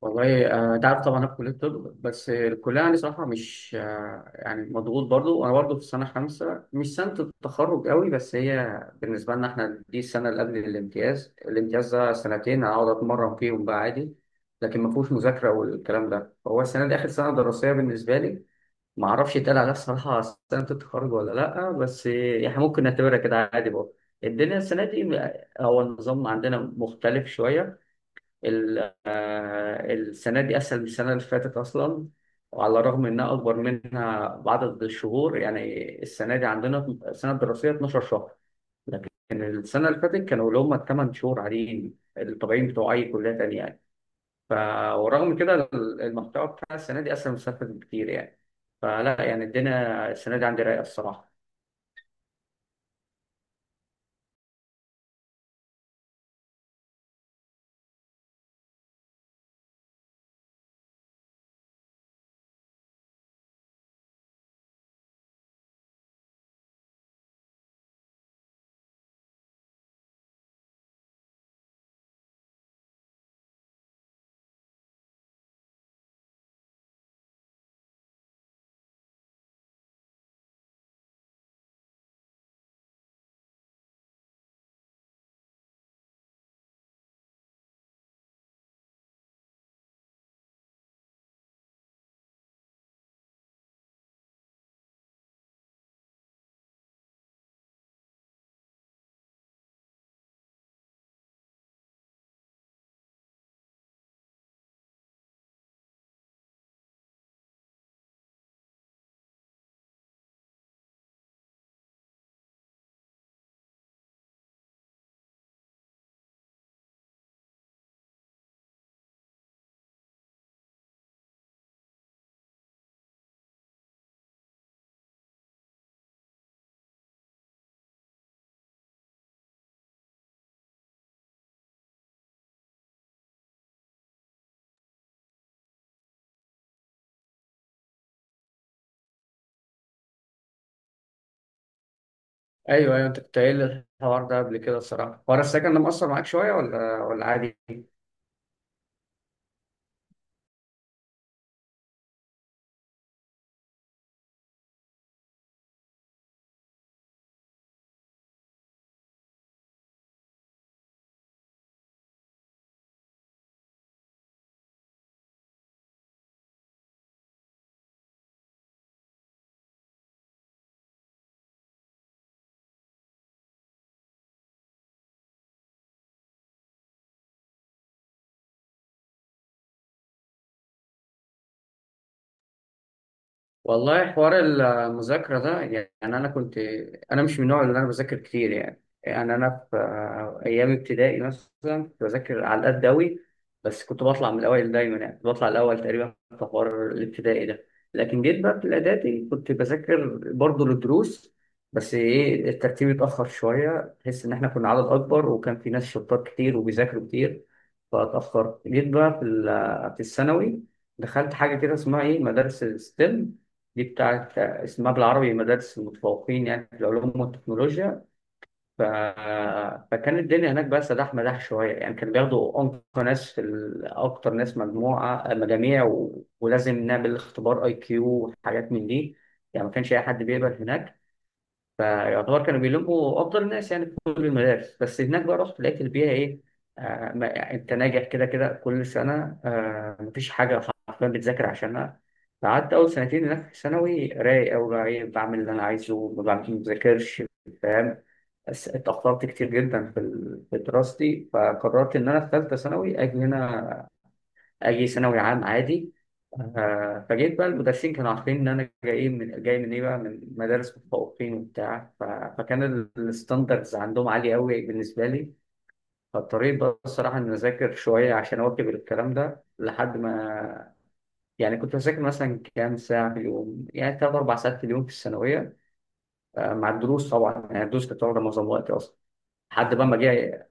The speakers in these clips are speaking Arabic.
والله، انت عارف طبعا، انا في كليه الطب. بس الكليه يعني صراحه مش يعني مضغوط برضو، وانا برضو في سنه خمسه مش سنه التخرج قوي، بس هي بالنسبه لنا احنا دي السنه اللي قبل الامتياز. الامتياز ده سنتين اقعد اتمرن فيهم بقى عادي، لكن ما فيهوش مذاكره والكلام ده. فهو السنه دي اخر سنه دراسيه بالنسبه لي، ما اعرفش يتقال عليها الصراحه سنه التخرج ولا لا، بس يعني ممكن نعتبرها كده عادي برضه. الدنيا السنه دي هو النظام عندنا مختلف شويه. السنة دي أسهل من السنة اللي فاتت أصلا، وعلى الرغم إنها أكبر منها بعدد الشهور. يعني السنة دي عندنا السنة الدراسية 12 شهر، لكن السنة اللي فاتت كانوا اللي هم الثمان شهور عاديين الطبيعيين بتوع أي كلية تانية يعني. ف ورغم كده المحتوى بتاع السنة دي أسهل من السنة اللي فاتت بكتير يعني. فلا يعني الدنيا السنة دي عندي رايقة الصراحة. أيوه، أيوه، أنت كنت قايل لي الحوار ده قبل كده الصراحة. حوار السكن ده مأثر معاك شوية ولا عادي؟ والله، حوار المذاكرة ده يعني أنا كنت. أنا مش من النوع اللي أنا بذاكر كتير. يعني أنا في أيام ابتدائي مثلا كنت بذاكر على قد أوي، بس كنت بطلع من الأوائل دايما. يعني كنت بطلع الأول تقريبا في حوار الابتدائي ده. لكن جيت بقى في الإعدادي كنت بذاكر برضه للدروس، بس إيه، الترتيب اتأخر شوية. تحس إن إحنا كنا عدد أكبر، وكان في ناس شطار كتير وبيذاكروا كتير، فاتأخرت. جيت بقى في في الثانوي، دخلت حاجة كده اسمها إيه، مدارس الستيم. دي بتاعت اسمها بالعربي مدارس المتفوقين يعني في العلوم والتكنولوجيا. ف... فكان الدنيا هناك بقى سداح مداح شوية. يعني كانوا بياخدوا أنقى ناس في أكتر ناس مجموعة مجاميع، ولازم نعمل اختبار أي كيو وحاجات من دي. يعني ما كانش أي حد بيقبل هناك، فيعتبر كانوا بيلموا افضل الناس يعني في كل المدارس. بس هناك بقى رحت لقيت البيئه ايه، ما يعني انت ناجح كده كده كل سنه، مفيش حاجه حرفيا بتذاكر عشانها. قعدت اول سنتين هناك في ثانوي رايق أوي، بقى ايه بعمل اللي انا عايزه. ما بذاكرش، فاهم. بس اتاخرت كتير جدا في في دراستي، فقررت ان انا في ثالثه ثانوي اجي هنا، اجي ثانوي عام عادي. فجيت بقى المدرسين كانوا عارفين ان انا جاي من ايه بقى، من مدارس متفوقين وبتاع. فكان الستاندردز عندهم عاليه قوي بالنسبه لي. فاضطريت بقى الصراحه ان اذاكر شويه عشان اواكب الكلام ده لحد ما. يعني كنت بذاكر مثلا كام ساعه في اليوم، يعني ثلاث اربع ساعات في اليوم في الثانويه، مع الدروس طبعا. يعني الدروس كانت واخده معظم وقتي اصلا لحد بقى ما جاي.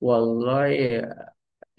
والله،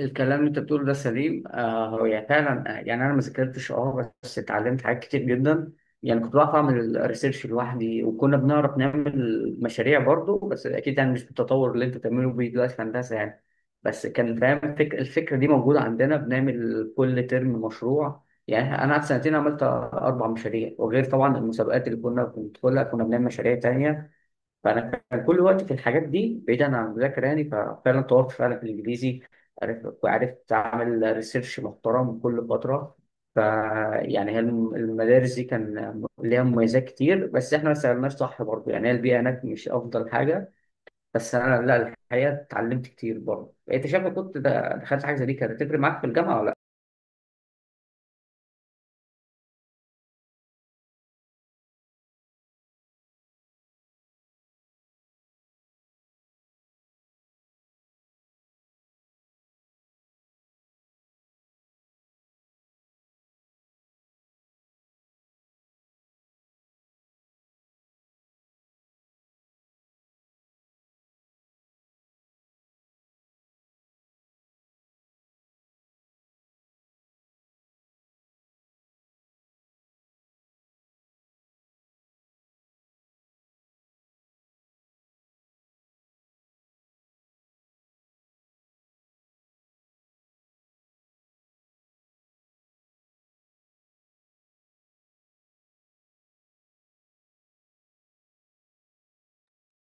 الكلام اللي انت بتقوله ده سليم. هو يعني فعلا، يعني انا ما ذاكرتش بس اتعلمت حاجات كتير جدا. يعني كنت بعرف اعمل الريسيرش لوحدي، وكنا بنعرف نعمل مشاريع برضو، بس اكيد يعني مش بالتطور اللي انت بتعمله بيه دلوقتي في هندسه يعني. بس كان فاهم، الفكره دي موجوده عندنا. بنعمل كل ترم مشروع. يعني انا قعدت سنتين عملت اربع مشاريع، وغير طبعا المسابقات اللي كنا بندخلها كنا بنعمل مشاريع تانية. فانا كان كل وقت في الحاجات دي بعيدا عن المذاكره يعني. ففعلا طورت فعلا في الانجليزي، عرفت وعرفت اعمل ريسيرش محترم كل فتره. ف يعني هي المدارس دي كان ليها مميزات كتير، بس احنا ما سالناش صح برضه. يعني هي البيئه هناك مش افضل حاجه، بس انا لا، الحقيقه اتعلمت كتير برضه. انت شايف إن كنت دخلت حاجه زي دي كانت هتفرق معاك في الجامعه؟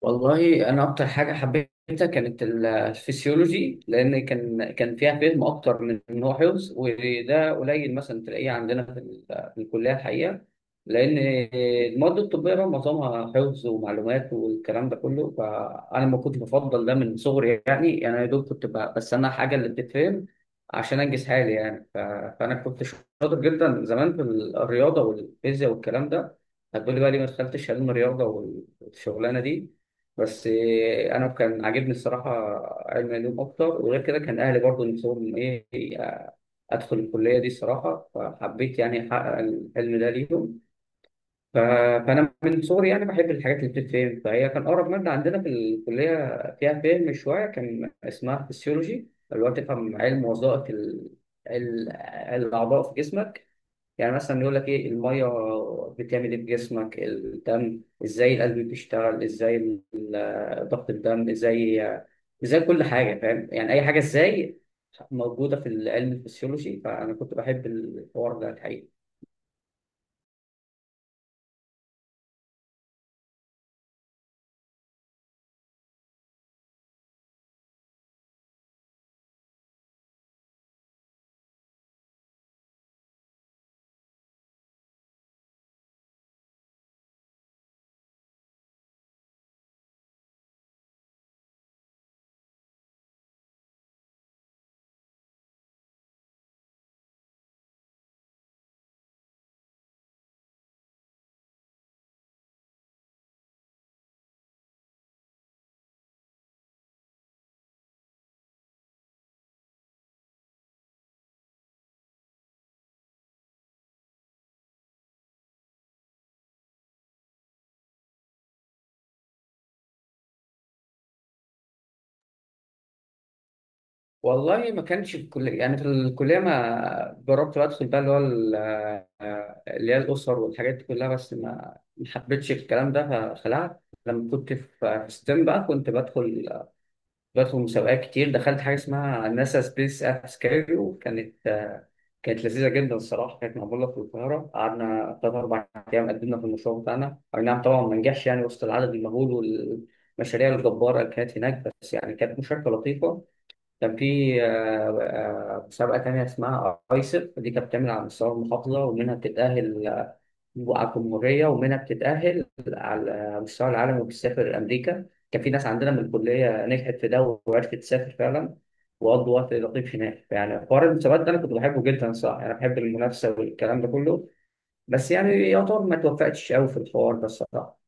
والله انا اكتر حاجه حبيتها كانت الفسيولوجي، لان كان فيها فهم اكتر من ان هو حفظ، وده قليل مثلا تلاقيه عندنا في في الكليه الحقيقه. لان المواد الطبيه بقى معظمها حفظ ومعلومات والكلام ده كله، فانا ما كنت بفضل ده من صغري. يعني انا يا دوب كنت بستنى الحاجه اللي بتتفهم عشان انجز حالي يعني. فانا كنت شاطر جدا زمان في الرياضه والفيزياء والكلام ده. هتقولي بقى ليه ما دخلتش علم رياضه والشغلانه دي، بس إيه، انا كان عاجبني الصراحه علم العلوم اكتر. وغير كده كان اهلي برضو نفسهم ايه، آه، ادخل الكليه دي الصراحه، فحبيت يعني احقق الحلم ده ليهم. ف- فانا من صغري يعني بحب الحاجات اللي بتتفهم، فهي كان اقرب ماده عندنا في الكليه فيها فهم شويه، كان اسمها فيسيولوجي، اللي هو تفهم علم وظائف ال- الاعضاء في جسمك. يعني مثلا يقول لك ايه الميه بتعمل ايه في جسمك، الدم ازاي، القلب بيشتغل ازاي، ضغط الدم ازاي، ازاي كل حاجه، فاهم؟ يعني اي حاجه ازاي موجوده في العلم الفسيولوجي، فانا كنت بحب الحوار ده الحقيقه. والله ما كانش في الكليه، يعني في الكليه ما جربت بقى ادخل بقى اللي هو اللي هي الاسر والحاجات دي كلها، بس ما حبيتش الكلام ده فخلعت. لما كنت في ستيم بقى كنت بدخل بدخل مسابقات كتير. دخلت حاجة اسمها ناسا سبيس ابس كاريو، كانت كانت لذيذة جدا الصراحة. كانت معمولة في القاهرة، قعدنا تلات أربع أيام قدمنا في المشروع بتاعنا. أي نعم طبعا ما نجحش يعني وسط العدد المهول والمشاريع الجبارة اللي كانت هناك، بس يعني كانت مشاركة لطيفة. كان في مسابقة تانية اسمها أيسر، دي كانت بتعمل على مستوى المحافظة ومنها بتتأهل على الجمهورية، ومنها بتتأهل على مستوى العالم وبتسافر أمريكا. كان في ناس عندنا من الكلية نجحت في ده وعرفت تسافر فعلا، وقضوا وقت لطيف هناك. يعني حوار المسابقات ده أنا كنت بحبه جدا صراحة، أنا بحب المنافسة والكلام ده كله، بس يعني يعتبر ما توفقتش أوي في الحوار ده الصراحة.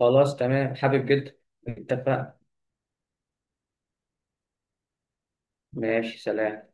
خلاص تمام، حابب جدا، اتفقنا. ماشي، سلام.